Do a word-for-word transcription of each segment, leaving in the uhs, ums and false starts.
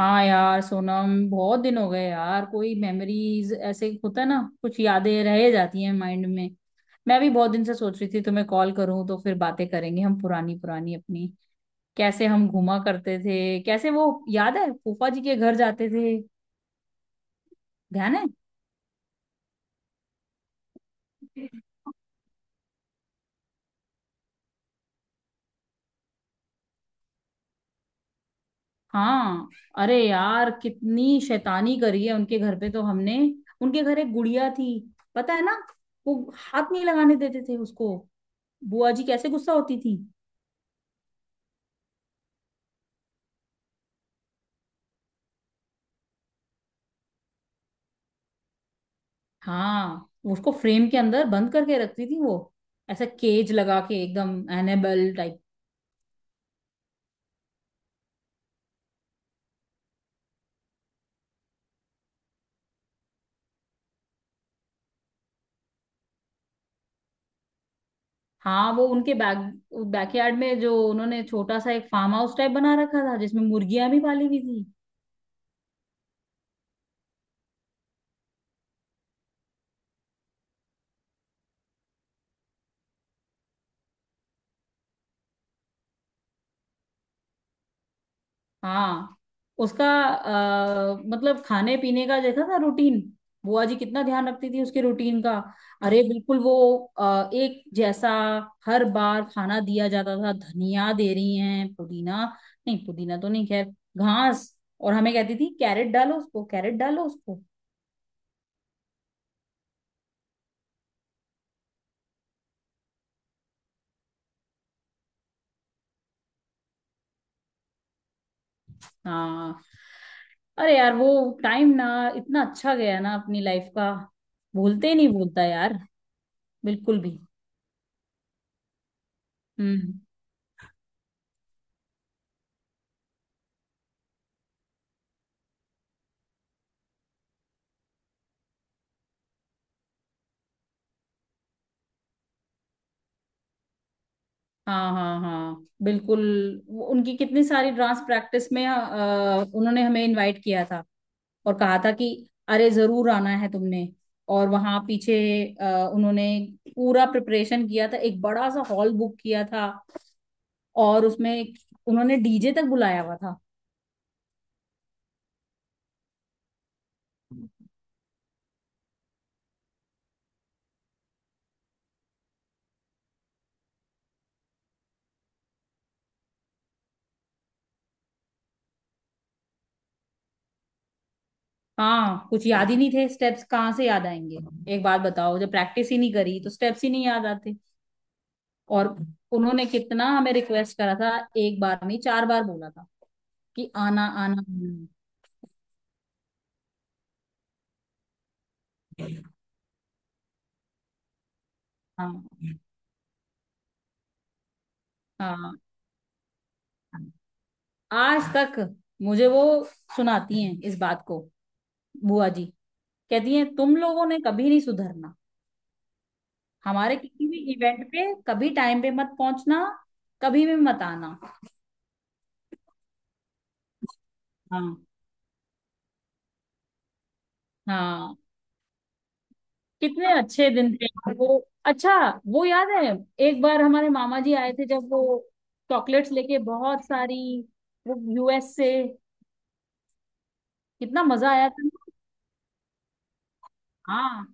हाँ यार सोनम, बहुत दिन हो गए यार। कोई मेमोरीज ऐसे होता है ना, कुछ यादें रह जाती हैं माइंड में। मैं भी बहुत दिन से सोच रही थी तुम्हें कॉल करूं, तो फिर बातें करेंगे हम पुरानी पुरानी अपनी। कैसे हम घूमा करते थे, कैसे वो। याद है फूफा जी के घर जाते थे। ध्यान है। हाँ। अरे यार कितनी शैतानी करी है उनके घर पे तो हमने। उनके घर एक गुड़िया थी, पता है ना। वो हाथ नहीं लगाने देते थे उसको। बुआ जी कैसे गुस्सा होती थी। हाँ, उसको फ्रेम के अंदर बंद करके रखती थी वो। ऐसा केज लगा के एकदम एनेबल टाइप। हाँ वो उनके बैक बैकयार्ड में जो उन्होंने छोटा सा एक फार्म हाउस टाइप बना रखा था, जिसमें मुर्गियां भी पाली हुई थी। हाँ। उसका आ, मतलब खाने पीने का देखा था रूटीन। बुआ जी कितना ध्यान रखती थी उसके रूटीन का। अरे बिल्कुल वो अ, एक जैसा हर बार खाना दिया जाता था। धनिया दे रही हैं, पुदीना। नहीं पुदीना तो नहीं, खैर घास। और हमें कहती थी कैरेट डालो उसको, कैरेट डालो उसको। हाँ। अरे यार वो टाइम ना इतना अच्छा गया ना अपनी लाइफ का। भूलते ही नहीं, भूलता यार, बिल्कुल भी। हम्म। हाँ हाँ हाँ बिल्कुल। वो- उनकी कितनी सारी डांस प्रैक्टिस में अ, उन्होंने हमें इनवाइट किया था। और कहा था कि अरे जरूर आना है तुमने। और वहां पीछे अ, उन्होंने पूरा प्रिपरेशन किया था। एक बड़ा सा हॉल बुक किया था। और उसमें एक- उन्होंने डीजे तक बुलाया हुआ था। हाँ कुछ याद ही नहीं थे स्टेप्स, कहाँ से याद आएंगे। एक बात बताओ, जब प्रैक्टिस ही नहीं करी तो स्टेप्स ही नहीं याद आते। और उन्होंने कितना हमें रिक्वेस्ट करा था। एक बार नहीं, चार बार बोला था कि आना आना आना। हाँ हाँ हाँ। आज तक मुझे वो सुनाती हैं इस बात को, बुआ जी। कहती हैं तुम लोगों ने कभी नहीं सुधरना। हमारे किसी भी इवेंट पे कभी टाइम पे मत पहुंचना, कभी भी मत आना। हाँ। हाँ। कितने अच्छे दिन थे। वो, अच्छा, वो याद है, एक बार हमारे मामा जी आए थे जब वो चॉकलेट्स लेके बहुत सारी, वो यूएस से। कितना मजा आया था ना। हाँ।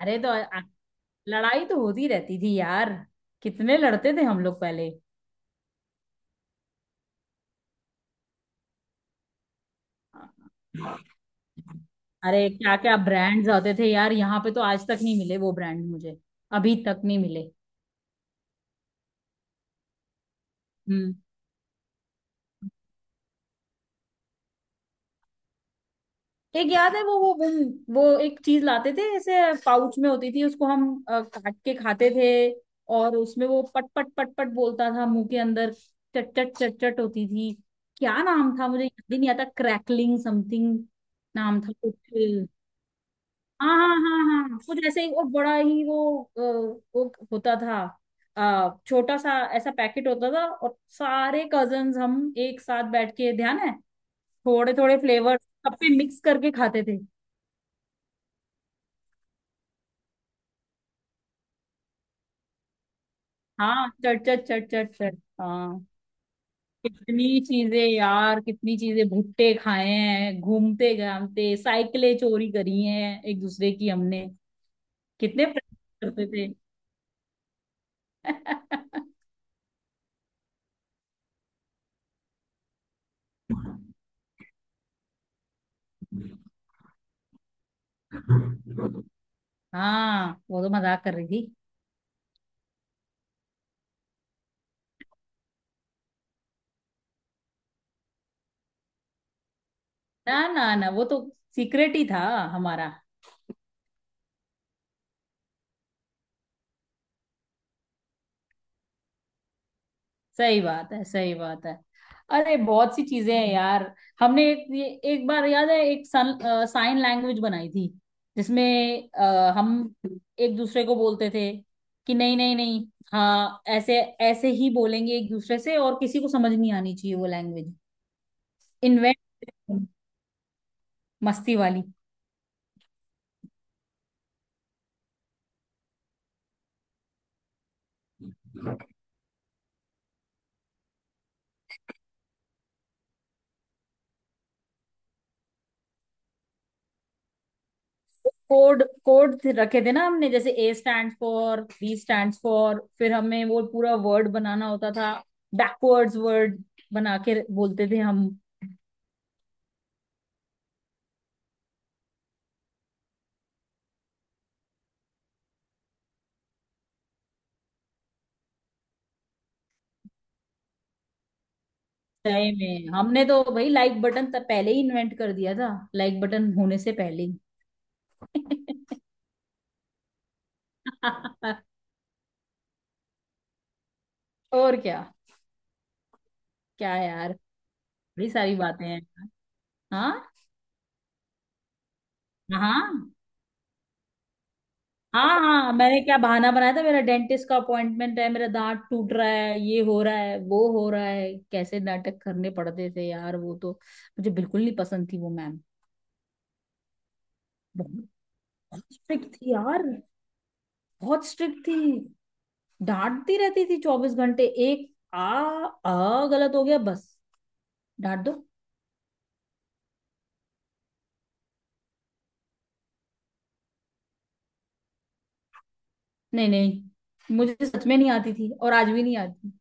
अरे तो लड़ाई तो होती रहती थी यार, कितने लड़ते थे हम लोग पहले। अरे क्या क्या ब्रांड्स आते थे यार, यहाँ पे तो आज तक नहीं मिले वो ब्रांड मुझे। अभी तक नहीं मिले। हम्म। एक याद है वो वो वो वो एक चीज लाते थे ऐसे, पाउच में होती थी, उसको हम अ, काट के खाते थे। और उसमें वो पट पट पट पट बोलता था मुंह के अंदर, चट चट चट चट होती थी। क्या नाम था, मुझे याद ही नहीं आता, क्रैकलिंग समथिंग नाम था कुछ। हाँ हाँ हाँ हाँ कुछ ऐसे ही। और बड़ा ही वो अ, वो होता था। अ, छोटा सा ऐसा पैकेट होता था, और सारे कजन्स हम एक साथ बैठ के, ध्यान है, थोड़े थोड़े फ्लेवर सब पे मिक्स करके खाते थे। हाँ चट चट चट चट चट, हाँ। कितनी चीजें यार, कितनी चीजें भुट्टे खाए हैं घूमते घामते, साइकिलें चोरी करी हैं एक दूसरे की हमने। कितने प्रैंक करते थे। हाँ वो तो मजाक कर रही थी। ना ना ना, वो तो सीक्रेट ही था हमारा। सही बात है, सही बात है। अरे बहुत सी चीजें हैं यार। हमने एक ये एक बार याद है एक सन, साइन लैंग्वेज बनाई थी, जिसमें अ, हम एक दूसरे को बोलते थे कि नहीं नहीं नहीं, हाँ ऐसे, ऐसे ही बोलेंगे एक दूसरे से और किसी को समझ नहीं आनी चाहिए वो लैंग्वेज। इन्वेंट, मस्ती वाली। कोड कोड रखे थे ना हमने, जैसे A stand for, B stand for, फिर हमें वो पूरा वर्ड बनाना होता था। बैकवर्ड्स वर्ड बना के बोलते थे हम। तय में हमने तो भाई लाइक बटन तब पहले ही इन्वेंट कर दिया था, लाइक बटन होने से पहले ही। और क्या, क्या यार, बड़ी सारी बातें हैं। हाँ। हाँ हाँ हाँ मैंने क्या बहाना बनाया था, मेरा डेंटिस्ट का अपॉइंटमेंट है, मेरा दांत टूट रहा है, ये हो रहा है, वो हो रहा है, कैसे नाटक करने पड़ते थे यार वो तो। मुझे बिल्कुल नहीं पसंद थी वो मैम। बहुत बहुत स्ट्रिक्ट थी यार, बहुत स्ट्रिक्ट थी। डांटती रहती थी चौबीस घंटे। एक आ आ गलत हो गया बस, डांट दो। नहीं नहीं, मुझे सच में नहीं आती थी, और आज भी नहीं आती।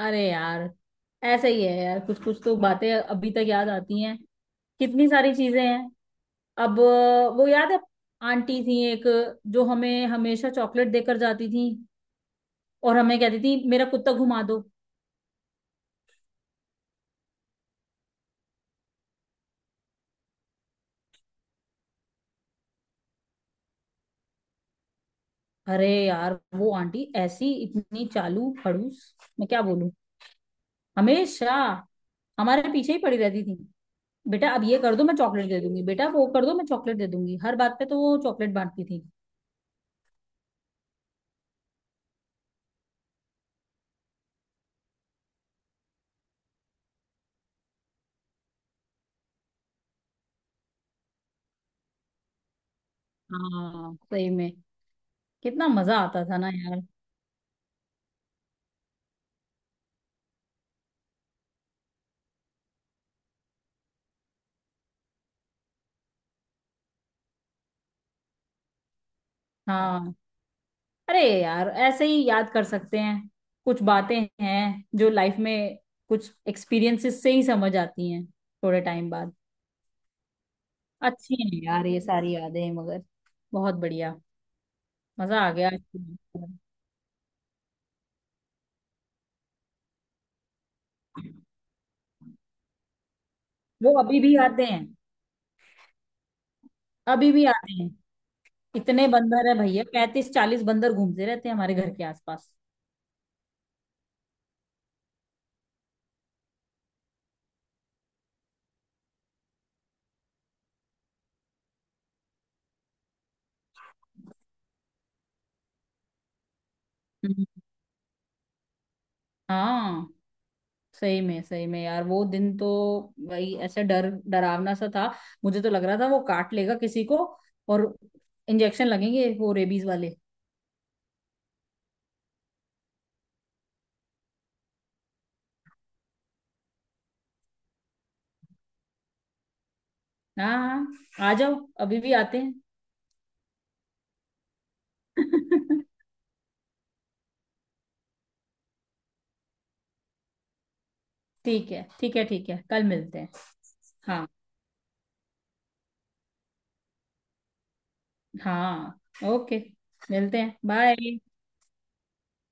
अरे यार ऐसे ही है यार, कुछ कुछ तो बातें अभी तक याद आती हैं। कितनी सारी चीजें हैं। अब अ, वो याद है, आंटी थी एक जो हमें हमेशा चॉकलेट देकर जाती थी, और हमें कहती थी मेरा कुत्ता घुमा दो। अरे यार वो आंटी ऐसी इतनी चालू खड़ूस, मैं क्या बोलूं। हमेशा हमारे पीछे ही पड़ी रहती थी। बेटा अब ये कर दो, मैं चॉकलेट दे दूंगी। बेटा वो कर दो, मैं चॉकलेट दे दूंगी। हर बात पे तो वो चॉकलेट बांटती थी। हाँ सही में, कितना मजा आता था ना यार। हाँ अरे यार, ऐसे ही याद कर सकते हैं। कुछ बातें हैं जो लाइफ में, कुछ एक्सपीरियंसेस से ही समझ आती हैं थोड़े टाइम बाद। अच्छी हैं यार ये सारी यादें, मगर बहुत बढ़िया, मजा आ गया। वो अभी भी आते हैं, अभी भी आते हैं। इतने बंदर है भैया, पैंतीस चालीस बंदर घूमते रहते हैं हमारे घर के आसपास। हम्म। हाँ सही में, सही में यार, वो दिन तो भाई ऐसे डर डरावना सा था। मुझे तो लग रहा था वो काट लेगा किसी को, और इंजेक्शन लगेंगे वो रेबीज वाले। हाँ। हाँ आ जाओ, अभी भी आते हैं। ठीक है ठीक है ठीक है, कल मिलते हैं। हाँ। हाँ। ओके, मिलते हैं, बाय।